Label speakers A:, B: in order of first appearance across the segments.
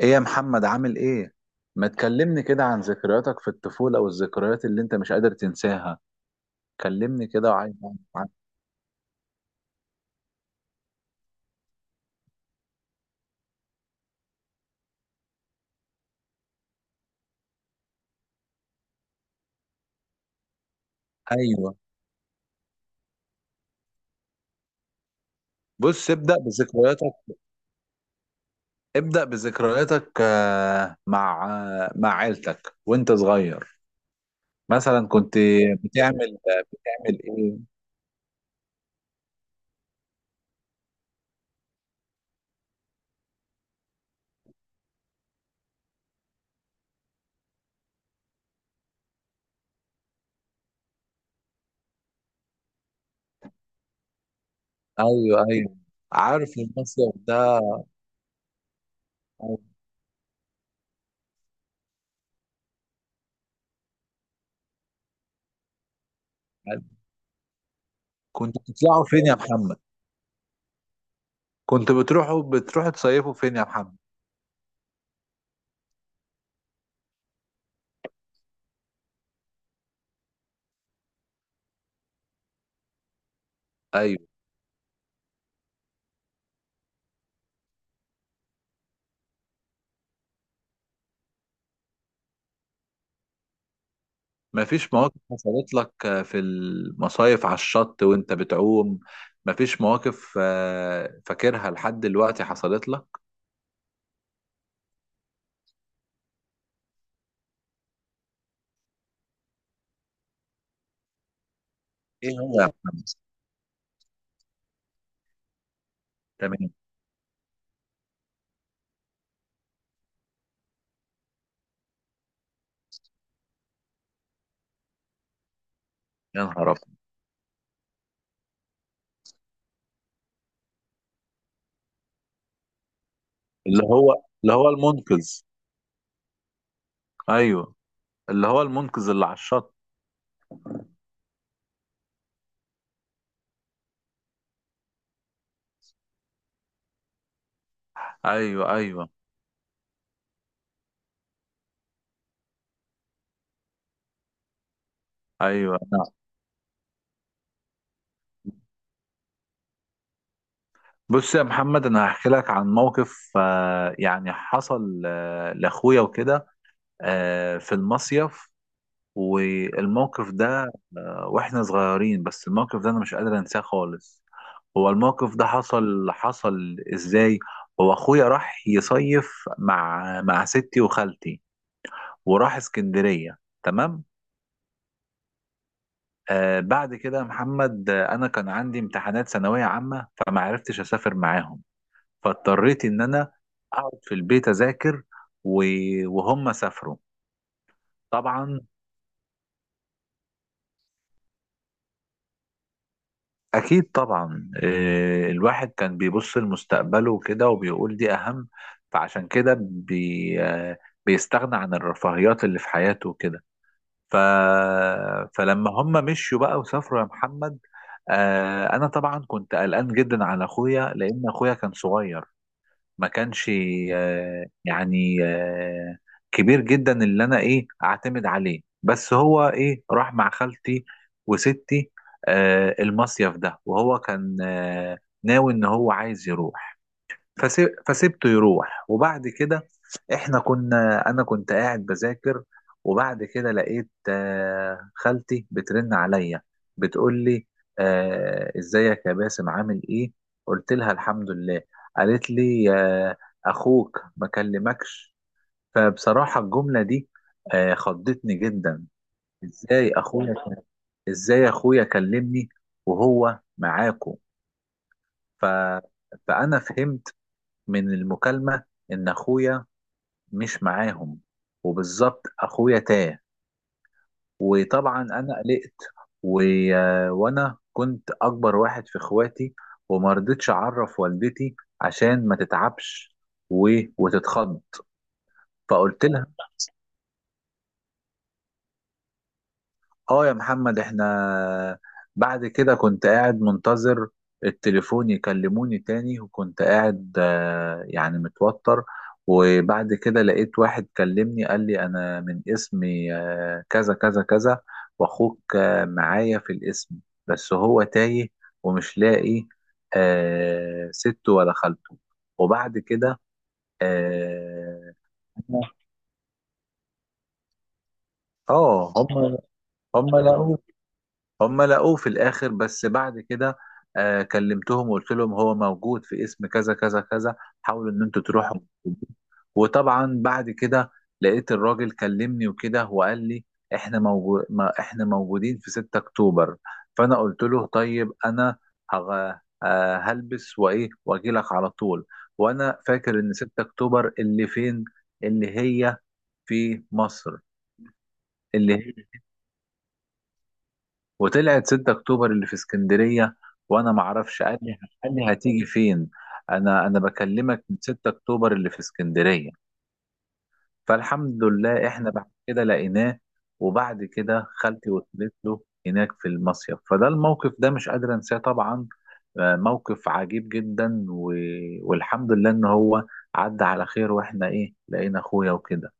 A: ايه يا محمد عامل ايه؟ ما تكلمني كده عن ذكرياتك في الطفولة والذكريات اللي انت مش قادر تنساها. كلمني كده وعايز اعرف عنها. ايوه، بص ابدأ بذكرياتك، ابدأ بذكرياتك مع مع عيلتك وانت صغير. مثلا كنت بتعمل بتعمل ايه؟ ايوه ايوه، عارف المصيف ده. أيوة. كنت بتطلعوا فين يا محمد؟ كنت بتروحوا تصيفوا فين يا محمد؟ ايوه. مفيش مواقف حصلت لك في المصايف على الشط وانت بتعوم؟ مفيش مواقف فاكرها لحد دلوقتي حصلت لك؟ ايه هو يا محمد؟ تمام. يا نهار ابيض. اللي هو المنقذ. ايوه. اللي هو المنقذ اللي على الشط. ايوه ايوه. ايوه نعم. بص يا محمد، انا هحكي لك عن موقف يعني حصل لاخويا وكده، في المصيف. والموقف ده واحنا صغيرين، بس الموقف ده انا مش قادر انساه خالص. هو الموقف ده حصل ازاي؟ هو اخويا راح يصيف مع ستي وخالتي، وراح اسكندرية، تمام. بعد كده يا محمد، انا كان عندي امتحانات ثانوية عامة فما عرفتش اسافر معاهم، فاضطريت ان انا اقعد في البيت اذاكر، وهم سافروا. طبعا، أكيد طبعا. الواحد كان بيبص لمستقبله وكده وبيقول دي أهم، فعشان كده بي آه، بيستغنى عن الرفاهيات اللي في حياته وكده. ف... فلما هم مشوا بقى وسافروا يا محمد، أنا طبعا كنت قلقان جدا على أخويا، لأن أخويا كان صغير، ما كانش آه، يعني آه، كبير جدا اللي انا ايه اعتمد عليه، بس هو ايه راح مع خالتي وستي المصيف ده، وهو كان ناوي ان هو عايز يروح. فسيبته يروح. وبعد كده، احنا كنا انا كنت قاعد بذاكر، وبعد كده لقيت خالتي بترن عليا، بتقول لي ازيك يا باسم عامل ايه؟ قلت لها الحمد لله. قالت لي اخوك ما كلمكش؟ فبصراحة الجملة دي خضتني جدا. ازاي اخويا، ازاي اخويا كلمني وهو معاكو؟ ف... فانا فهمت من المكالمة إن أخويا مش معاهم، وبالظبط أخويا تاه. وطبعا أنا قلقت، و... وأنا كنت أكبر واحد في إخواتي، وما رضيتش أعرف والدتي عشان ما تتعبش و... وتتخض. فقلت لها اه يا محمد، احنا بعد كده كنت قاعد منتظر التليفون يكلموني تاني، وكنت قاعد متوتر. وبعد كده لقيت واحد كلمني، قال لي انا من اسمي كذا كذا كذا، واخوك معايا في الاسم، بس هو تايه ومش لاقي سته ولا خالته. وبعد كده اه آه، هم هم لقوه. هم لقوه في الاخر. بس بعد كده آه كلمتهم وقلت لهم هو موجود في اسم كذا كذا كذا، حاولوا ان انتوا تروحوا. وطبعا بعد كده لقيت الراجل كلمني وكده وقال لي احنا موجود، ما احنا موجودين في 6 اكتوبر. فانا قلت له طيب انا هغ... آه، هلبس وايه واجي لك على طول. وانا فاكر ان 6 اكتوبر اللي فين، اللي هي في مصر. اللي وطلعت 6 اكتوبر اللي في اسكندريه، وانا ما اعرفش. قال لي هتيجي فين؟ انا بكلمك من 6 اكتوبر اللي في اسكندريه. فالحمد لله احنا بعد كده لقيناه. وبعد كده خالتي وصلت له هناك في المصيف. فده الموقف ده مش قادر انساه طبعا، موقف عجيب جدا، والحمد لله ان هو عدى على خير واحنا ايه لقينا اخويا وكده.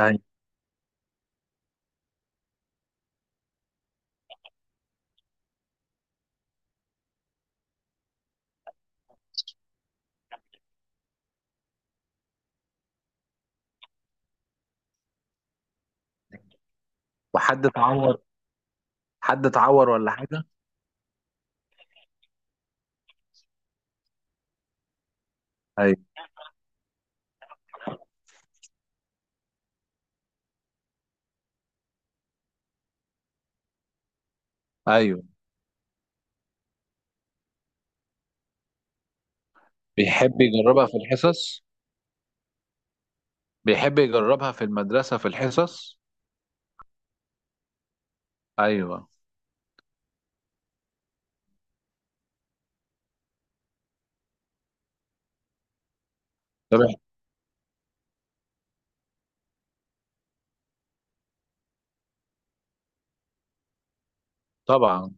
A: ايوه. وحد اتعور؟ حد اتعور ولا حاجه؟ ايوه ايوه. بيحب يجربها في الحصص. بيحب يجربها في المدرسة في الحصص. أيوة طبعا طبعا.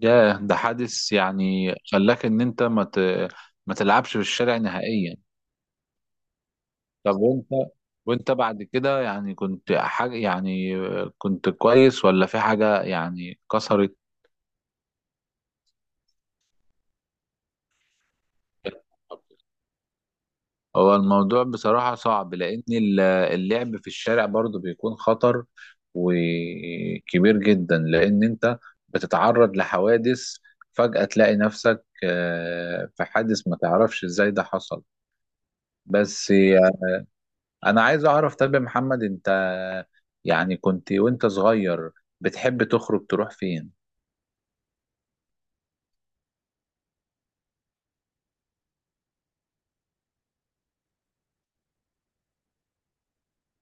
A: ياه، ده حادث يعني خلاك إن أنت ما تلعبش في الشارع نهائيا. طب وأنت وأنت بعد كده يعني كنت حاجة يعني، كنت كويس ولا في حاجة يعني؟ كسرت؟ هو الموضوع بصراحة صعب، لأن اللعب في الشارع برضو بيكون خطر وكبير جدا، لأن أنت بتتعرض لحوادث، فجأة تلاقي نفسك في حادث ما تعرفش إزاي ده حصل. بس أنا عايز أعرف، طب يا محمد أنت يعني كنت وأنت صغير بتحب تخرج تروح فين؟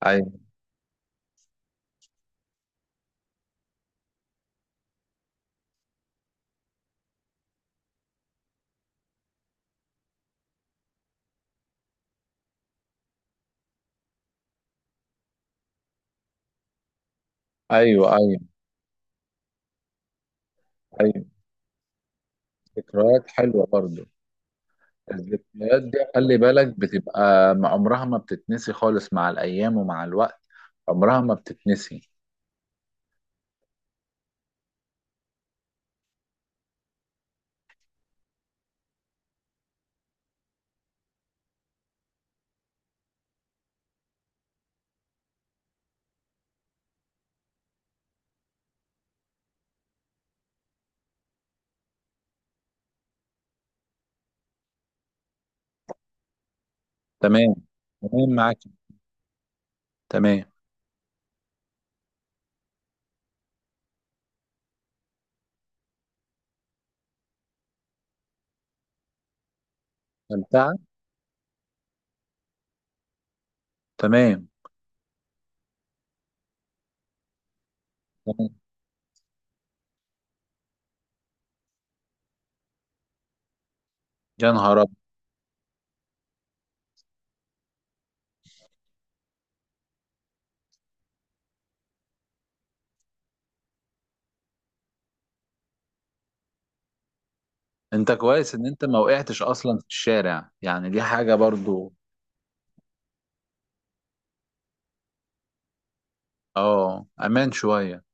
A: أيوه أيوه. أيوه أيوه. ذكريات حلوة برضو. الذكريات دي خلي بالك بتبقى عمرها ما بتتنسي خالص، مع الأيام ومع الوقت عمرها ما بتتنسي. تمام. تمام معاك. تمام. ممتعة. تمام. تمام. يا نهار أبيض. أنت كويس إن أنت ما وقعتش أصلا في الشارع، يعني دي حاجة برضو. أه، أمان شوية.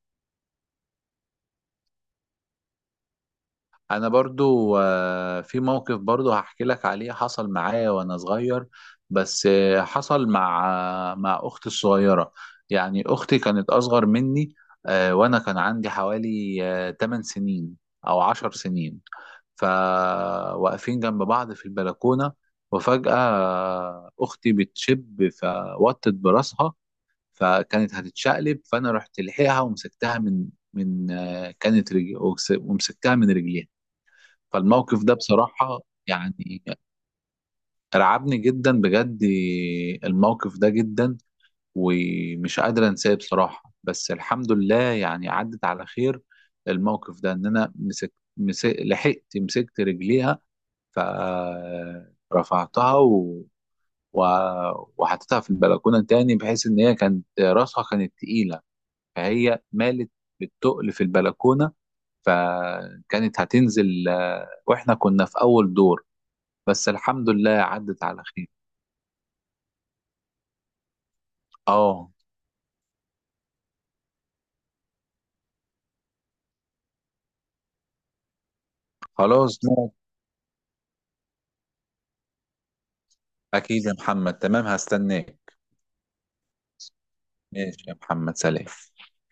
A: انا برضو في موقف برضو هحكي لك عليه، حصل معايا وانا صغير، بس حصل مع مع اختي الصغيرة. يعني اختي كانت اصغر مني، وانا كان عندي حوالي 8 سنين او 10 سنين. فواقفين جنب بعض في البلكونة، وفجأة اختي بتشب فوطت براسها، فكانت هتتشقلب، فانا رحت لحقها ومسكتها من كانت رجل، ومسكتها من رجليها. فالموقف ده بصراحة يعني رعبني جدا بجد، الموقف ده جدا، ومش قادر انساه بصراحة، بس الحمد لله يعني عدت على خير. الموقف ده ان انا مسك مسك لحقت مسكت رجليها، فرفعتها و... وحطيتها في البلكونة تاني، بحيث ان هي كانت راسها كانت تقيلة، فهي مالت بالتقل في البلكونة، فكانت هتنزل، واحنا كنا في اول دور، بس الحمد لله عدت على خير. اه خلاص نقعد. اكيد يا محمد، تمام، هستناك. ماشي يا محمد، سلام.